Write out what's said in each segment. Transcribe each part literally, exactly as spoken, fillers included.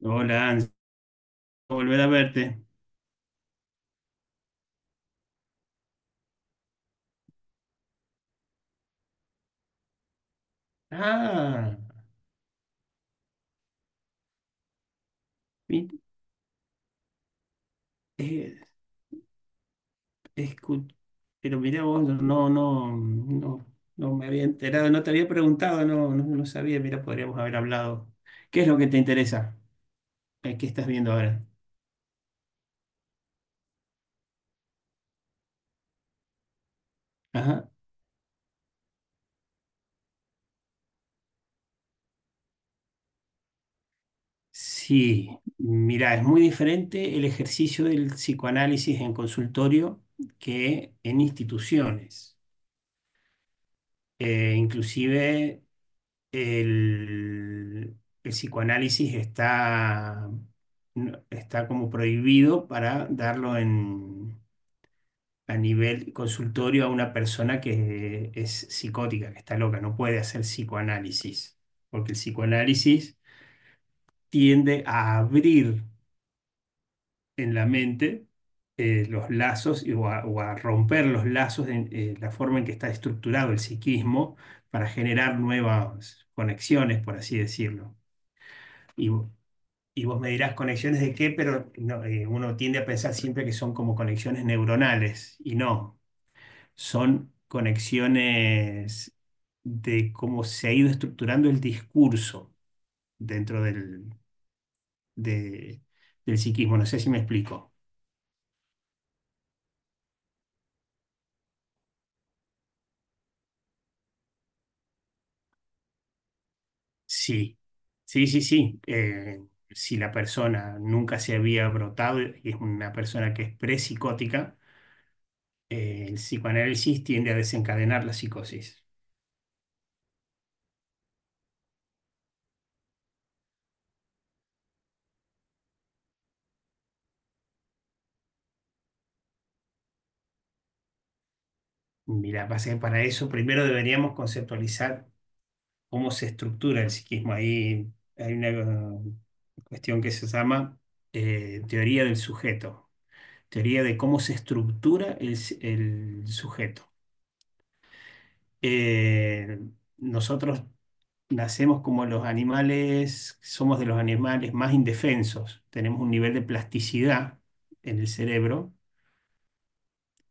Hola, Anso, volver a verte. Ah, mi- eh, escu- pero mira vos, no, no, no, no me había enterado, no te había preguntado, no, no, no sabía, mira, podríamos haber hablado. ¿Qué es lo que te interesa? Eh, ¿Qué estás viendo ahora? Ajá. Sí, mira, es muy diferente el ejercicio del psicoanálisis en consultorio que en instituciones. Eh, inclusive el, el psicoanálisis está, no- está como prohibido para darlo en, a nivel consultorio a una persona que es psicótica, que está loca, no puede hacer psicoanálisis, porque el psicoanálisis tiende a abrir en la mente, eh, los lazos y- o a, o a romper los lazos en eh, la forma en que está estructurado el psiquismo para generar nuevas conexiones, por así decirlo. y Y vos me dirás conexiones de qué, pero no, eh, uno tiende a pensar siempre que son como conexiones neuronales y no, son conexiones de cómo se ha ido estructurando el discurso dentro del, de- del psiquismo. No sé si me explico. Sí, sí, sí, sí. Eh, si la persona nunca se había brotado y es una persona que es prepsicótica, eh, el psicoanálisis tiende a desencadenar la psicosis. Mira, pasa que para eso primero deberíamos conceptualizar cómo se estructura el psiquismo. Ahí hay una eh, cuestión que se llama eh, teoría del sujeto, teoría de cómo se estructura el, s- el sujeto. Eh, Nosotros nacemos como los animales, somos de los animales más indefensos, tenemos un nivel de plasticidad en el cerebro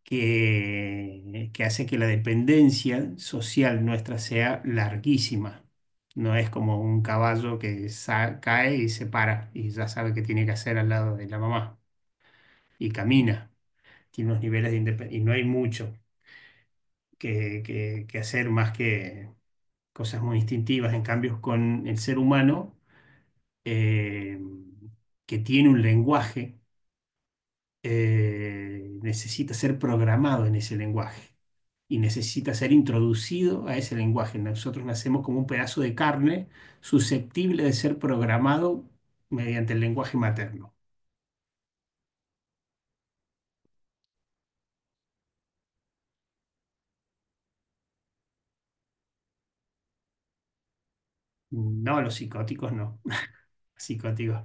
que, que hace que la dependencia social nuestra sea larguísima. No es como un caballo que sa- cae y se para y ya sabe qué tiene que hacer al lado de la mamá y camina. Tiene unos niveles de independencia y no hay mucho que, que- que hacer más que cosas muy instintivas. En cambio, con el ser humano, eh, que tiene un lenguaje, eh, necesita ser programado en ese lenguaje y necesita ser introducido a ese lenguaje. Nosotros nacemos como un pedazo de carne susceptible de ser programado mediante el lenguaje materno. No, los psicóticos no. Psicóticos.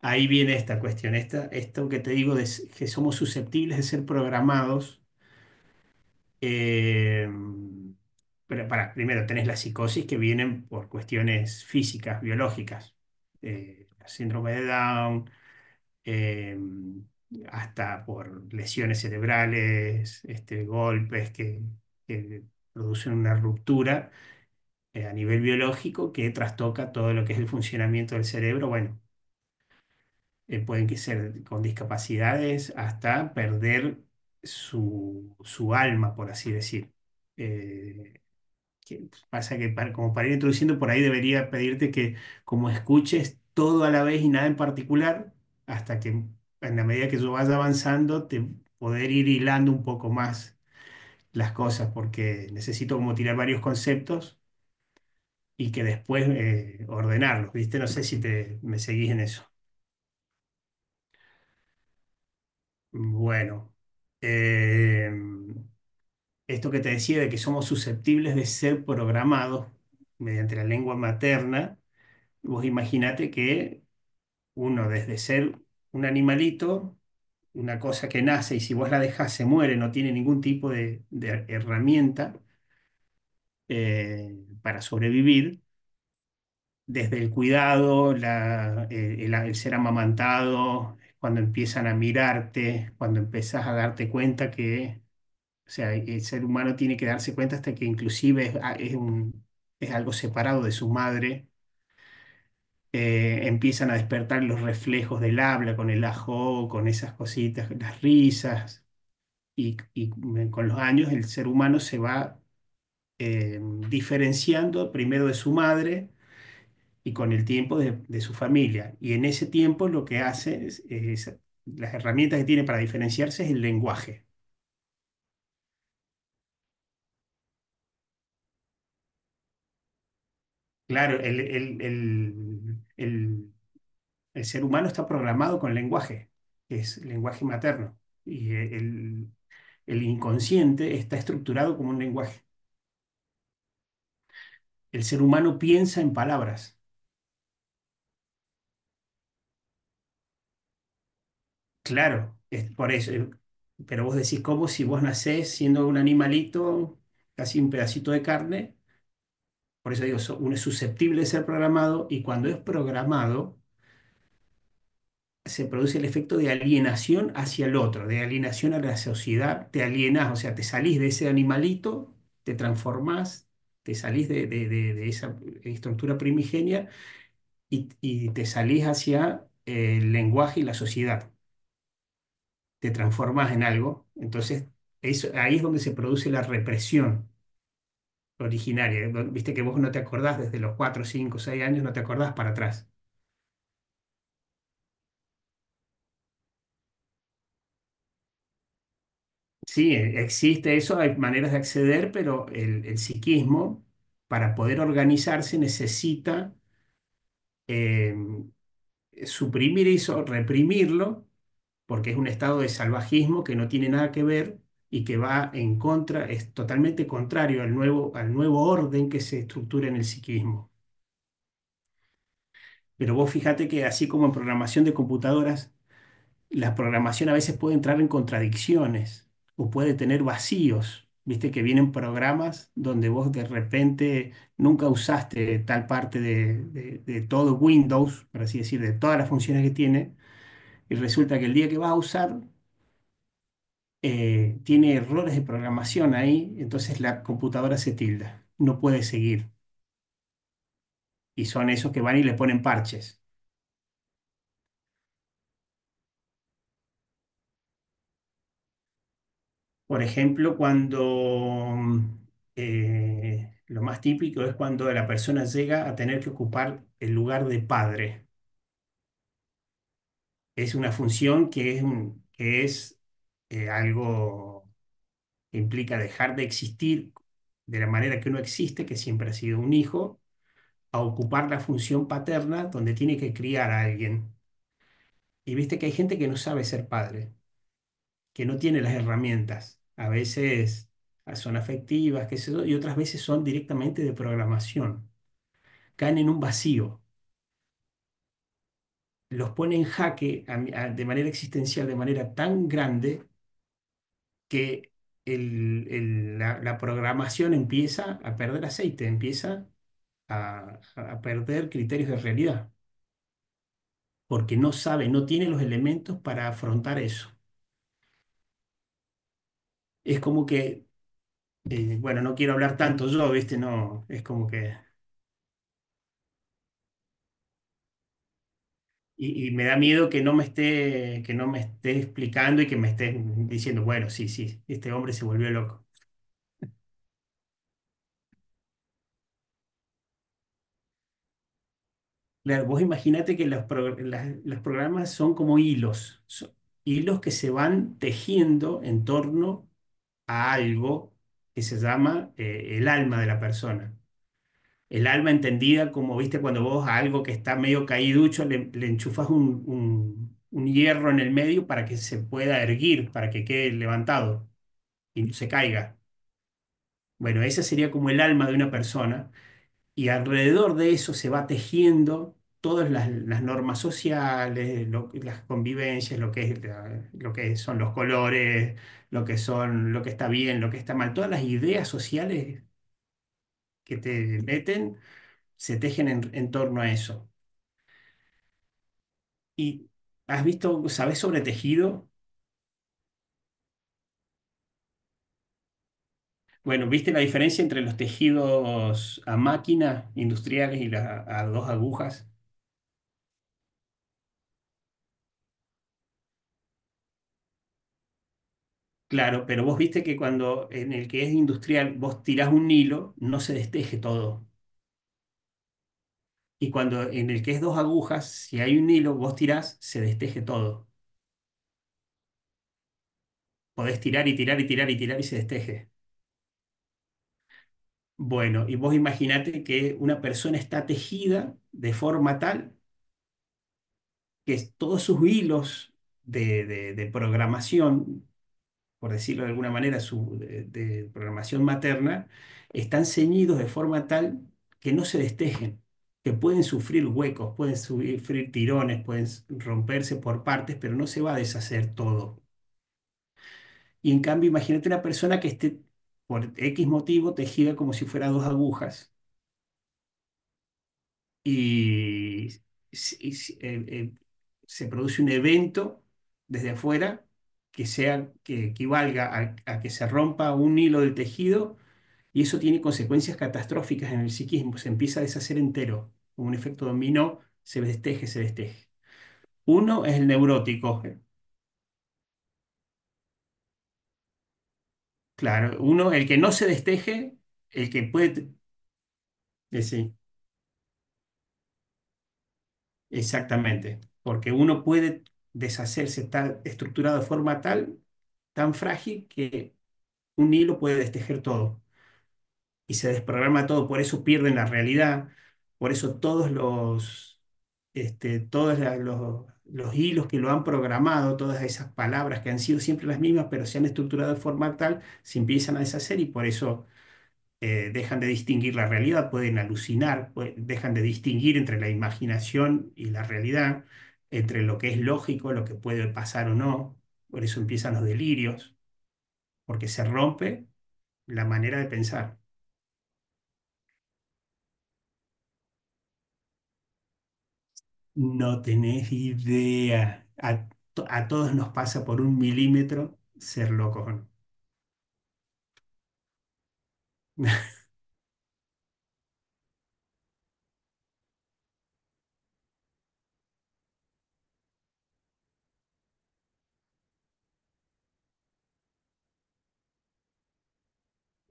Ahí viene esta cuestión, esta, esto que te digo de s- que somos susceptibles de ser programados. Eh, pero para, primero tenés la psicosis que vienen por cuestiones físicas, biológicas, eh, síndrome de Down, eh, hasta por lesiones cerebrales, este, golpes que, que producen una ruptura eh, a nivel biológico que trastoca todo lo que es el funcionamiento del cerebro. Bueno, eh, pueden que ser con discapacidades hasta perder su, su alma, por así decir. Eh, que pasa que para, como para ir introduciendo por ahí debería pedirte que como escuches todo a la vez y nada en particular, hasta que en la medida que yo vaya avanzando, te poder ir hilando un poco más las cosas, porque necesito como tirar varios conceptos y que después eh, ordenarlos, ¿viste? No sé si te, me seguís en eso. Bueno, eh, esto que te decía de que somos susceptibles de ser programados mediante la lengua materna, vos imaginate que uno desde ser un animalito, una cosa que nace y si vos la dejás se muere, no tiene ningún tipo de, de herramienta eh, para sobrevivir, desde el cuidado, la- eh, el, el ser amamantado, cuando empiezan a mirarte, cuando empezás a darte cuenta que, o sea, el ser humano tiene que darse cuenta hasta que inclusive es, ah, es un- es algo separado de su madre, eh, empiezan a despertar los reflejos del habla con el ajo, con esas cositas, las risas, y, y con los años el ser humano se va eh, diferenciando primero de su madre y con el tiempo de, de su familia. Y en ese tiempo lo que hace es, es- las herramientas que tiene para diferenciarse es el lenguaje. Claro, el, el- el- el- el ser humano está programado con lenguaje, que es lenguaje materno. Y el, El inconsciente está estructurado como un lenguaje. El ser humano piensa en palabras. Claro, es por eso. eh, Pero vos decís, ¿cómo si vos nacés siendo un animalito, casi un pedacito de carne? Por eso digo, so- uno es susceptible de ser programado y cuando es programado se produce el efecto de alienación hacia el otro, de alienación a la sociedad, te alienás, o sea, te salís de ese animalito, te transformás, te salís de, de de- de esa estructura primigenia y, y te salís hacia el lenguaje y la sociedad, te transformas en algo, entonces eso, ahí es donde se produce la represión originaria, viste que vos no te acordás desde los cuatro cinco seis años, no te acordás para atrás. Sí, e- existe eso, hay maneras de acceder, pero el, el psiquismo, para poder organizarse, necesita eh, suprimir eso, reprimirlo porque es un estado de salvajismo que no tiene nada que ver y que va en contra, es totalmente contrario al nuevo, al nuevo orden que se estructura en el psiquismo. Pero vos fíjate que así como en programación de computadoras, la programación a veces puede entrar en contradicciones o puede tener vacíos. Viste que vienen programas donde vos de repente nunca usaste tal parte de, de- de todo Windows, por así decir, de todas las funciones que tiene, y resulta que el día que vas a usar eh, tiene errores de programación ahí, entonces la computadora se tilda, no puede seguir. Y son esos que van y le ponen parches. Por ejemplo, cuando eh, lo más típico es cuando la persona llega a tener que ocupar el lugar de padre. Es una función que es, un- que es eh, algo que implica dejar de existir de la manera que uno existe, que siempre ha sido un hijo, a ocupar la función paterna donde tiene que criar a alguien. Y viste que hay gente que no sabe ser padre, que no tiene las herramientas. A veces ah, son afectivas, qué sé yo, y otras veces son directamente de programación. Caen en un vacío, los pone en jaque a a- de manera existencial, de manera tan grande que el- el- la, la programación empieza a perder aceite, empieza a, a perder criterios de realidad, porque no sabe, no tiene los elementos para afrontar eso. Es como que eh, bueno, no quiero hablar tanto yo, ¿viste? No, es como que... Y, y me da miedo que no me esté, que no me esté explicando y que me esté diciendo, bueno, sí, sí, este hombre se volvió loco. Claro, vos imaginate que los, pro- las- los programas son como hilos, son hilos que se van tejiendo en torno a algo que se llama eh, el alma de la persona. El alma entendida como, viste, cuando vos a algo que está medio caíducho le, le enchufas un, un- un hierro en el medio para que se pueda erguir, para que quede levantado y no se caiga. Bueno, esa sería como el alma de una persona y alrededor de eso se va tejiendo todas las, las normas sociales, lo- las convivencias, lo que es la- lo que son los colores, lo que son, lo que está bien, lo que está mal, todas las ideas sociales que te meten se tejen en en torno a eso. ¿Y has visto, sabes sobre tejido? Bueno, ¿viste la diferencia entre los tejidos a máquina industriales y las a dos agujas? Claro, pero vos viste que cuando en el que es industrial vos tirás un hilo, no se desteje todo. Y cuando en el que es dos agujas, si hay un hilo, vos tirás, se desteje todo. Podés tirar y tirar y tirar y tirar y se desteje. Bueno, y vos imaginate que una persona está tejida de forma tal que todos sus hilos de, de- de programación, por decirlo de alguna manera, su, de, de programación materna, están ceñidos de forma tal que no se destejen, que pueden sufrir huecos, pueden sufrir tirones, pueden romperse por partes, pero no se va a deshacer todo. Y en cambio, imagínate una persona que esté por equis motivo tejida como si fuera dos agujas y, s- y eh, eh, se produce un evento desde afuera que sea, que equivalga a, a que se rompa un hilo del tejido y eso tiene consecuencias catastróficas en el psiquismo. Se empieza a deshacer entero, como un efecto dominó, se desteje, se desteje. Uno es el neurótico, claro. Uno, el que no se desteje, el que puede... eh, sí. Exactamente, porque uno puede deshacerse, está estructurado de forma tal, tan frágil, que un hilo puede destejer todo y se desprograma todo, por eso pierden la realidad, por eso todos los, este, todos la- los, los hilos que lo han programado, todas esas palabras que han sido siempre las mismas, pero se han estructurado de forma tal, se empiezan a deshacer y por eso eh, dejan de distinguir la realidad, pueden alucinar, pue- dejan de distinguir entre la imaginación y la realidad, entre lo que es lógico, lo que puede pasar o no. Por eso empiezan los delirios, porque se rompe la manera de pensar. No tenés idea. A, to- a todos nos pasa por un milímetro ser locos, o no.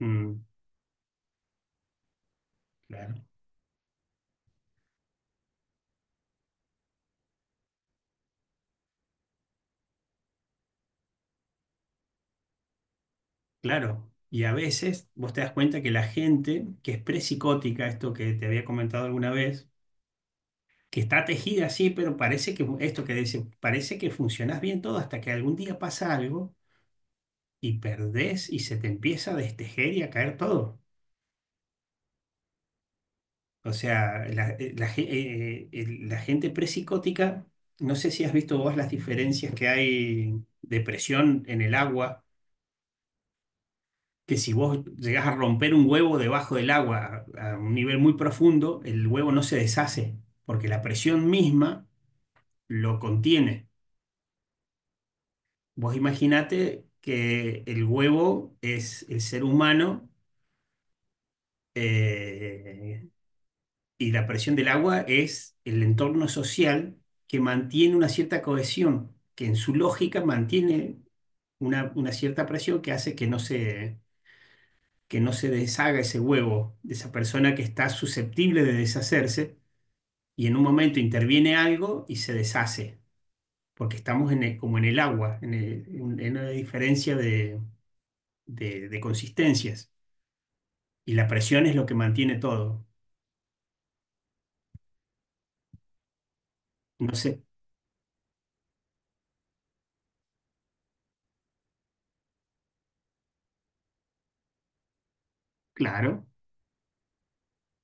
Mm. Claro. Claro. Y a veces vos te das cuenta que la gente que es psicótica esto que te había comentado alguna vez, que está tejida así, pero parece que esto que dice, parece que funcionas bien todo hasta que algún día pasa algo y perdés y se te empieza a destejer y a caer todo. O sea, la, eh, la ge- eh, eh, la gente prepsicótica, no sé si has visto vos las diferencias que hay de presión en el agua, que si vos llegás a romper un huevo debajo del agua a a un nivel muy profundo, el huevo no se deshace, porque la presión misma lo contiene. Vos imaginate que el huevo es el ser humano, eh, y la presión del agua es el entorno social que mantiene una cierta cohesión, que en su lógica mantiene una, una cierta presión que hace que no se, que no se deshaga ese huevo de esa persona que está susceptible de deshacerse y en un momento interviene algo y se deshace, porque estamos en el- como en el agua, en, el- en una diferencia de de- de consistencias. Y la presión es lo que mantiene todo. No sé, claro.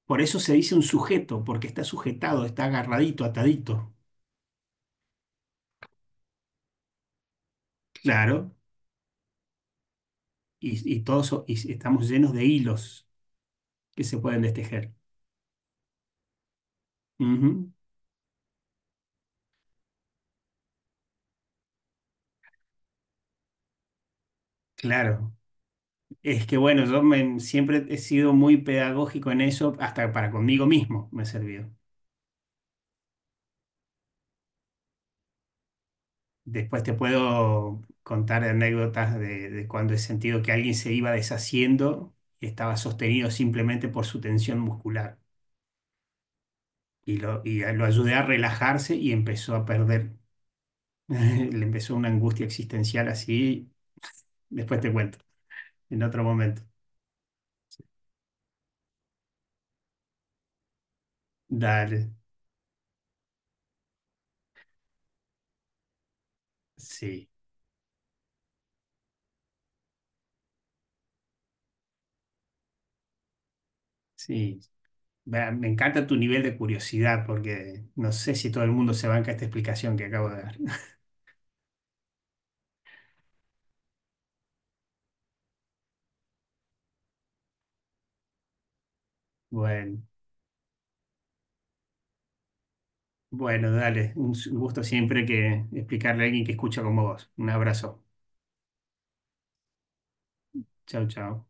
Por eso se dice un sujeto, porque está sujetado, está agarradito, atadito. Claro. Y, y todos so- y estamos llenos de hilos que se pueden destejer. Ujú. Claro. Es que bueno, yo me- siempre he sido muy pedagógico en eso, hasta para conmigo mismo me ha servido. Después te puedo contar anécdotas de, de cuando he sentido que alguien se iba deshaciendo y estaba sostenido simplemente por su tensión muscular, y lo, y a- lo ayudé a relajarse y empezó a perder. Le empezó una angustia existencial así. Después te cuento, en otro momento. Dale, sí, sí. Va, me encanta tu nivel de curiosidad porque no sé si todo el mundo se banca esta explicación que acabo de dar. Bueno, bueno, dale. Un s- gusto siempre que explicarle a alguien que escucha como vos. Un abrazo. Chau, chau.